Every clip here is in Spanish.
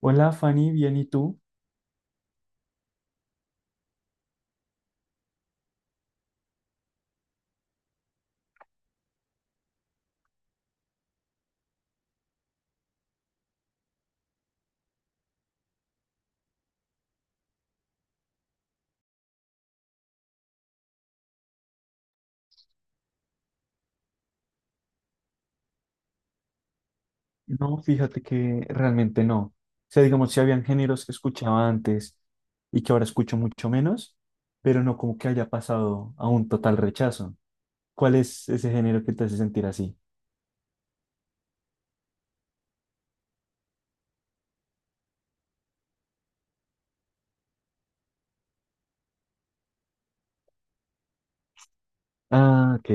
Hola Fanny, bien, ¿y tú? No, fíjate que realmente no. O sea, digamos, si habían géneros que escuchaba antes y que ahora escucho mucho menos, pero no como que haya pasado a un total rechazo. ¿Cuál es ese género que te hace sentir así? Ah, ok.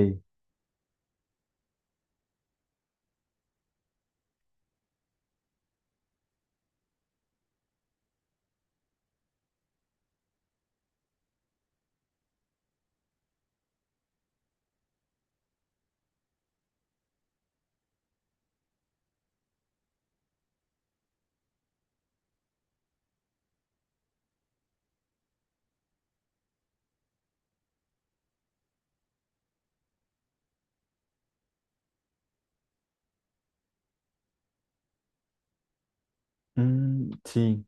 Mm, sí,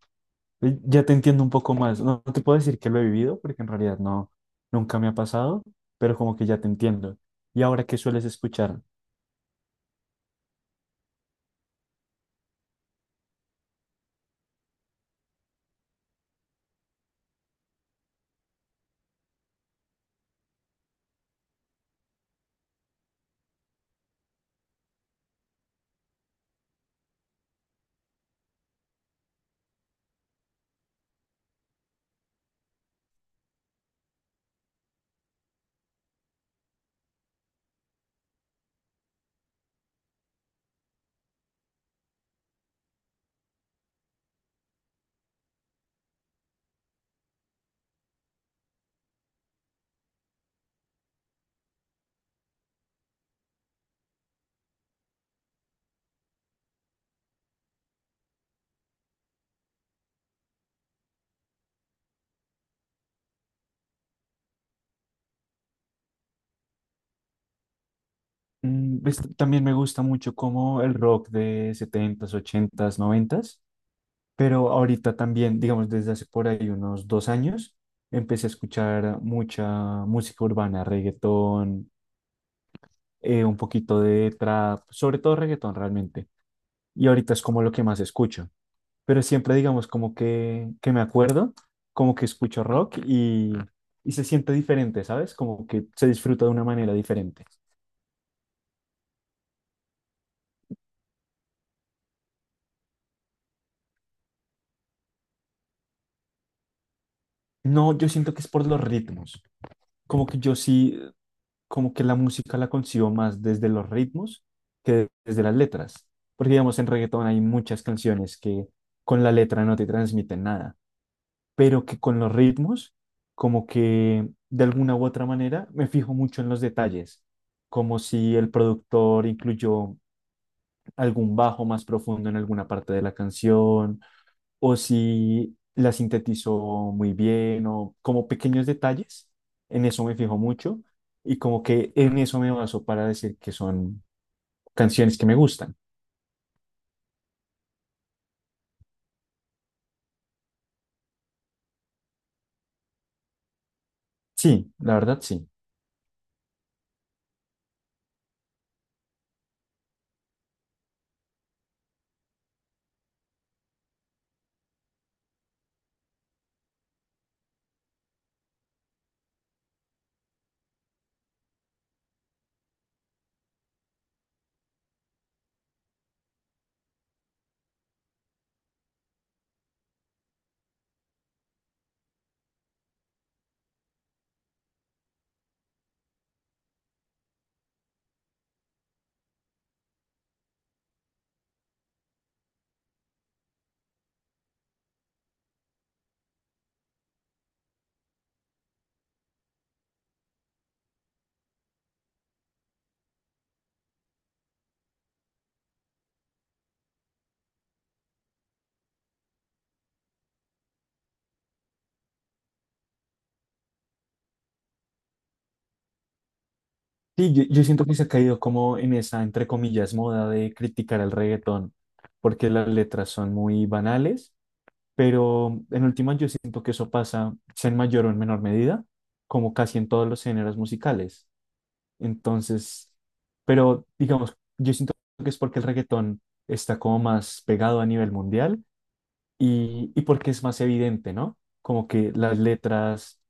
Ya te entiendo un poco más. No, no te puedo decir que lo he vivido porque en realidad no, nunca me ha pasado, pero como que ya te entiendo. ¿Y ahora qué sueles escuchar? Pues, también me gusta mucho como el rock de setentas ochentas noventas, pero ahorita también, digamos, desde hace por ahí unos 2 años, empecé a escuchar mucha música urbana, reggaetón, un poquito de trap, sobre todo reggaetón realmente. Y ahorita es como lo que más escucho, pero siempre digamos como que me acuerdo, como que escucho rock y se siente diferente, ¿sabes? Como que se disfruta de una manera diferente. No, yo siento que es por los ritmos, como que yo sí, como que la música la consigo más desde los ritmos que desde las letras. Porque, digamos, en reggaetón hay muchas canciones que con la letra no te transmiten nada, pero que con los ritmos, como que de alguna u otra manera, me fijo mucho en los detalles, como si el productor incluyó algún bajo más profundo en alguna parte de la canción o si la sintetizó muy bien, o como pequeños detalles, en eso me fijo mucho y como que en eso me baso para decir que son canciones que me gustan. Sí, la verdad sí. Sí, yo siento que se ha caído como en esa, entre comillas, moda de criticar al reggaetón, porque las letras son muy banales, pero en última yo siento que eso pasa, sea en mayor o en menor medida, como casi en todos los géneros musicales. Entonces, pero digamos, yo siento que es porque el reggaetón está como más pegado a nivel mundial y, porque es más evidente, ¿no? Como que las letras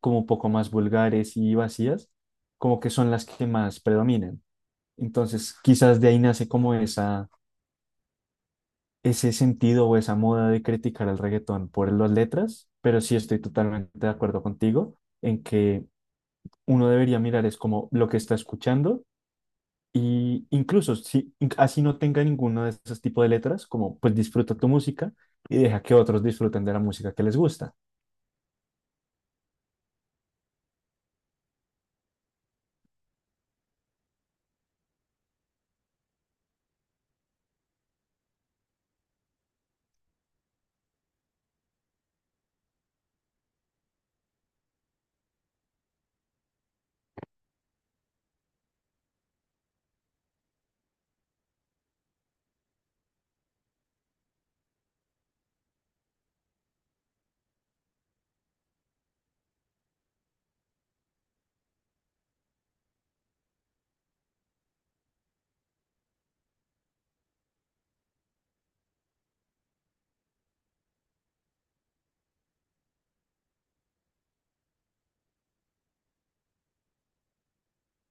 como un poco más vulgares y vacías, como que son las que más predominan. Entonces, quizás de ahí nace como esa, ese sentido o esa moda de criticar el reggaetón por las letras, pero sí estoy totalmente de acuerdo contigo en que uno debería mirar es como lo que está escuchando. Y incluso si así no tenga ninguno de esos tipos de letras, como pues disfruta tu música y deja que otros disfruten de la música que les gusta.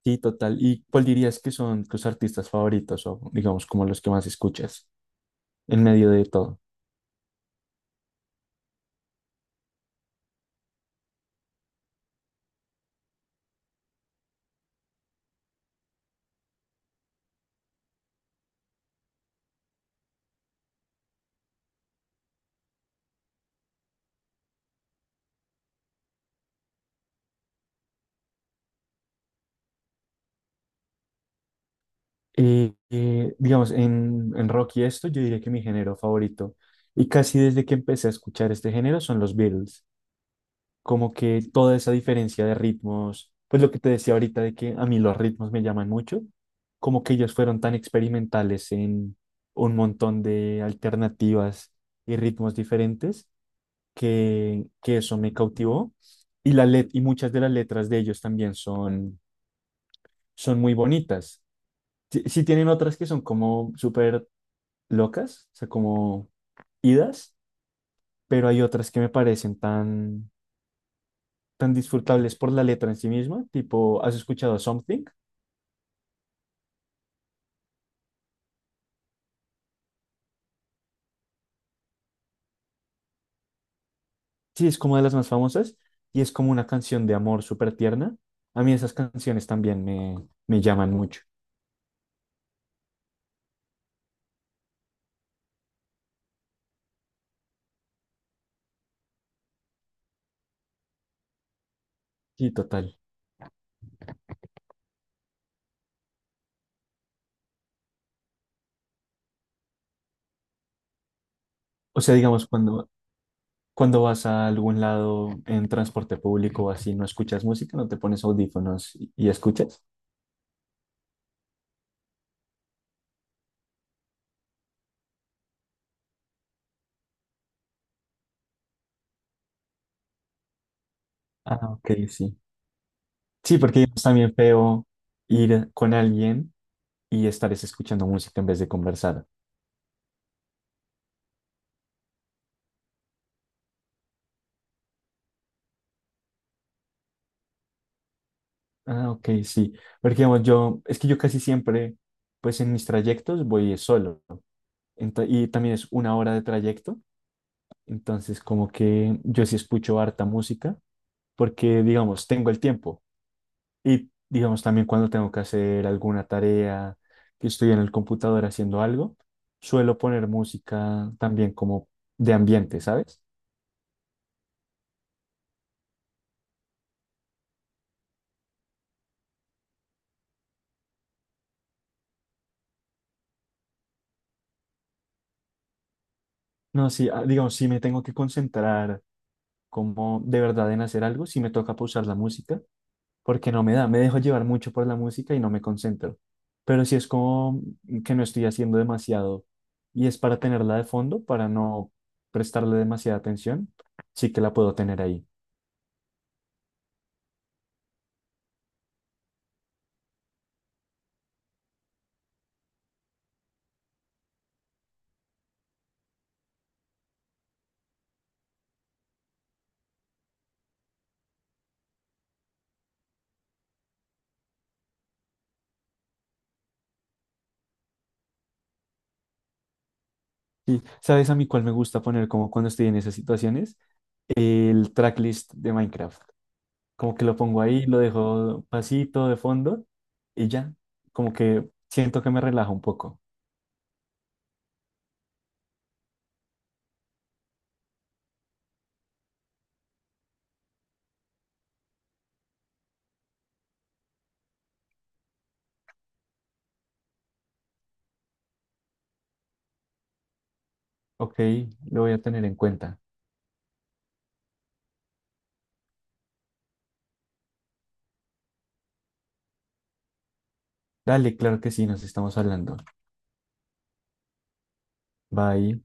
Sí, total. ¿Y cuál dirías que son tus artistas favoritos o digamos como los que más escuchas en medio de todo? Digamos, en, rock y esto, yo diría que mi género favorito, y casi desde que empecé a escuchar este género, son los Beatles. Como que toda esa diferencia de ritmos, pues lo que te decía ahorita de que a mí los ritmos me llaman mucho, como que ellos fueron tan experimentales en un montón de alternativas y ritmos diferentes que eso me cautivó. Y, y muchas de las letras de ellos también son, muy bonitas. Sí, sí tienen otras que son como súper locas, o sea, como idas, pero hay otras que me parecen tan tan disfrutables por la letra en sí misma, tipo, ¿has escuchado Something? Sí, es como de las más famosas y es como una canción de amor súper tierna. A mí esas canciones también me llaman mucho. Sí, total. O sea, digamos, cuando vas a algún lado en transporte público o así, no escuchas música, no te pones audífonos y, escuchas. Ah, ok, sí. Sí, porque es también feo ir con alguien y estar es escuchando música en vez de conversar. Ah, ok, sí. Porque digamos, yo, es que yo casi siempre, pues en mis trayectos voy es solo. Y también es una hora de trayecto. Entonces, como que yo sí escucho harta música, porque, digamos, tengo el tiempo. Y, digamos, también cuando tengo que hacer alguna tarea, que estoy en el computador haciendo algo, suelo poner música también como de ambiente, ¿sabes? No, sí, digamos, si me tengo que concentrar como de verdad en hacer algo, si me toca pausar la música porque no me da, me dejo llevar mucho por la música y no me concentro. Pero si es como que no estoy haciendo demasiado y es para tenerla de fondo, para no prestarle demasiada atención, sí que la puedo tener ahí. Y, ¿sabes a mí cuál me gusta poner como cuando estoy en esas situaciones? El tracklist de Minecraft. Como que lo pongo ahí, lo dejo pasito de fondo y ya, como que siento que me relaja un poco. Ok, lo voy a tener en cuenta. Dale, claro que sí, nos estamos hablando. Bye.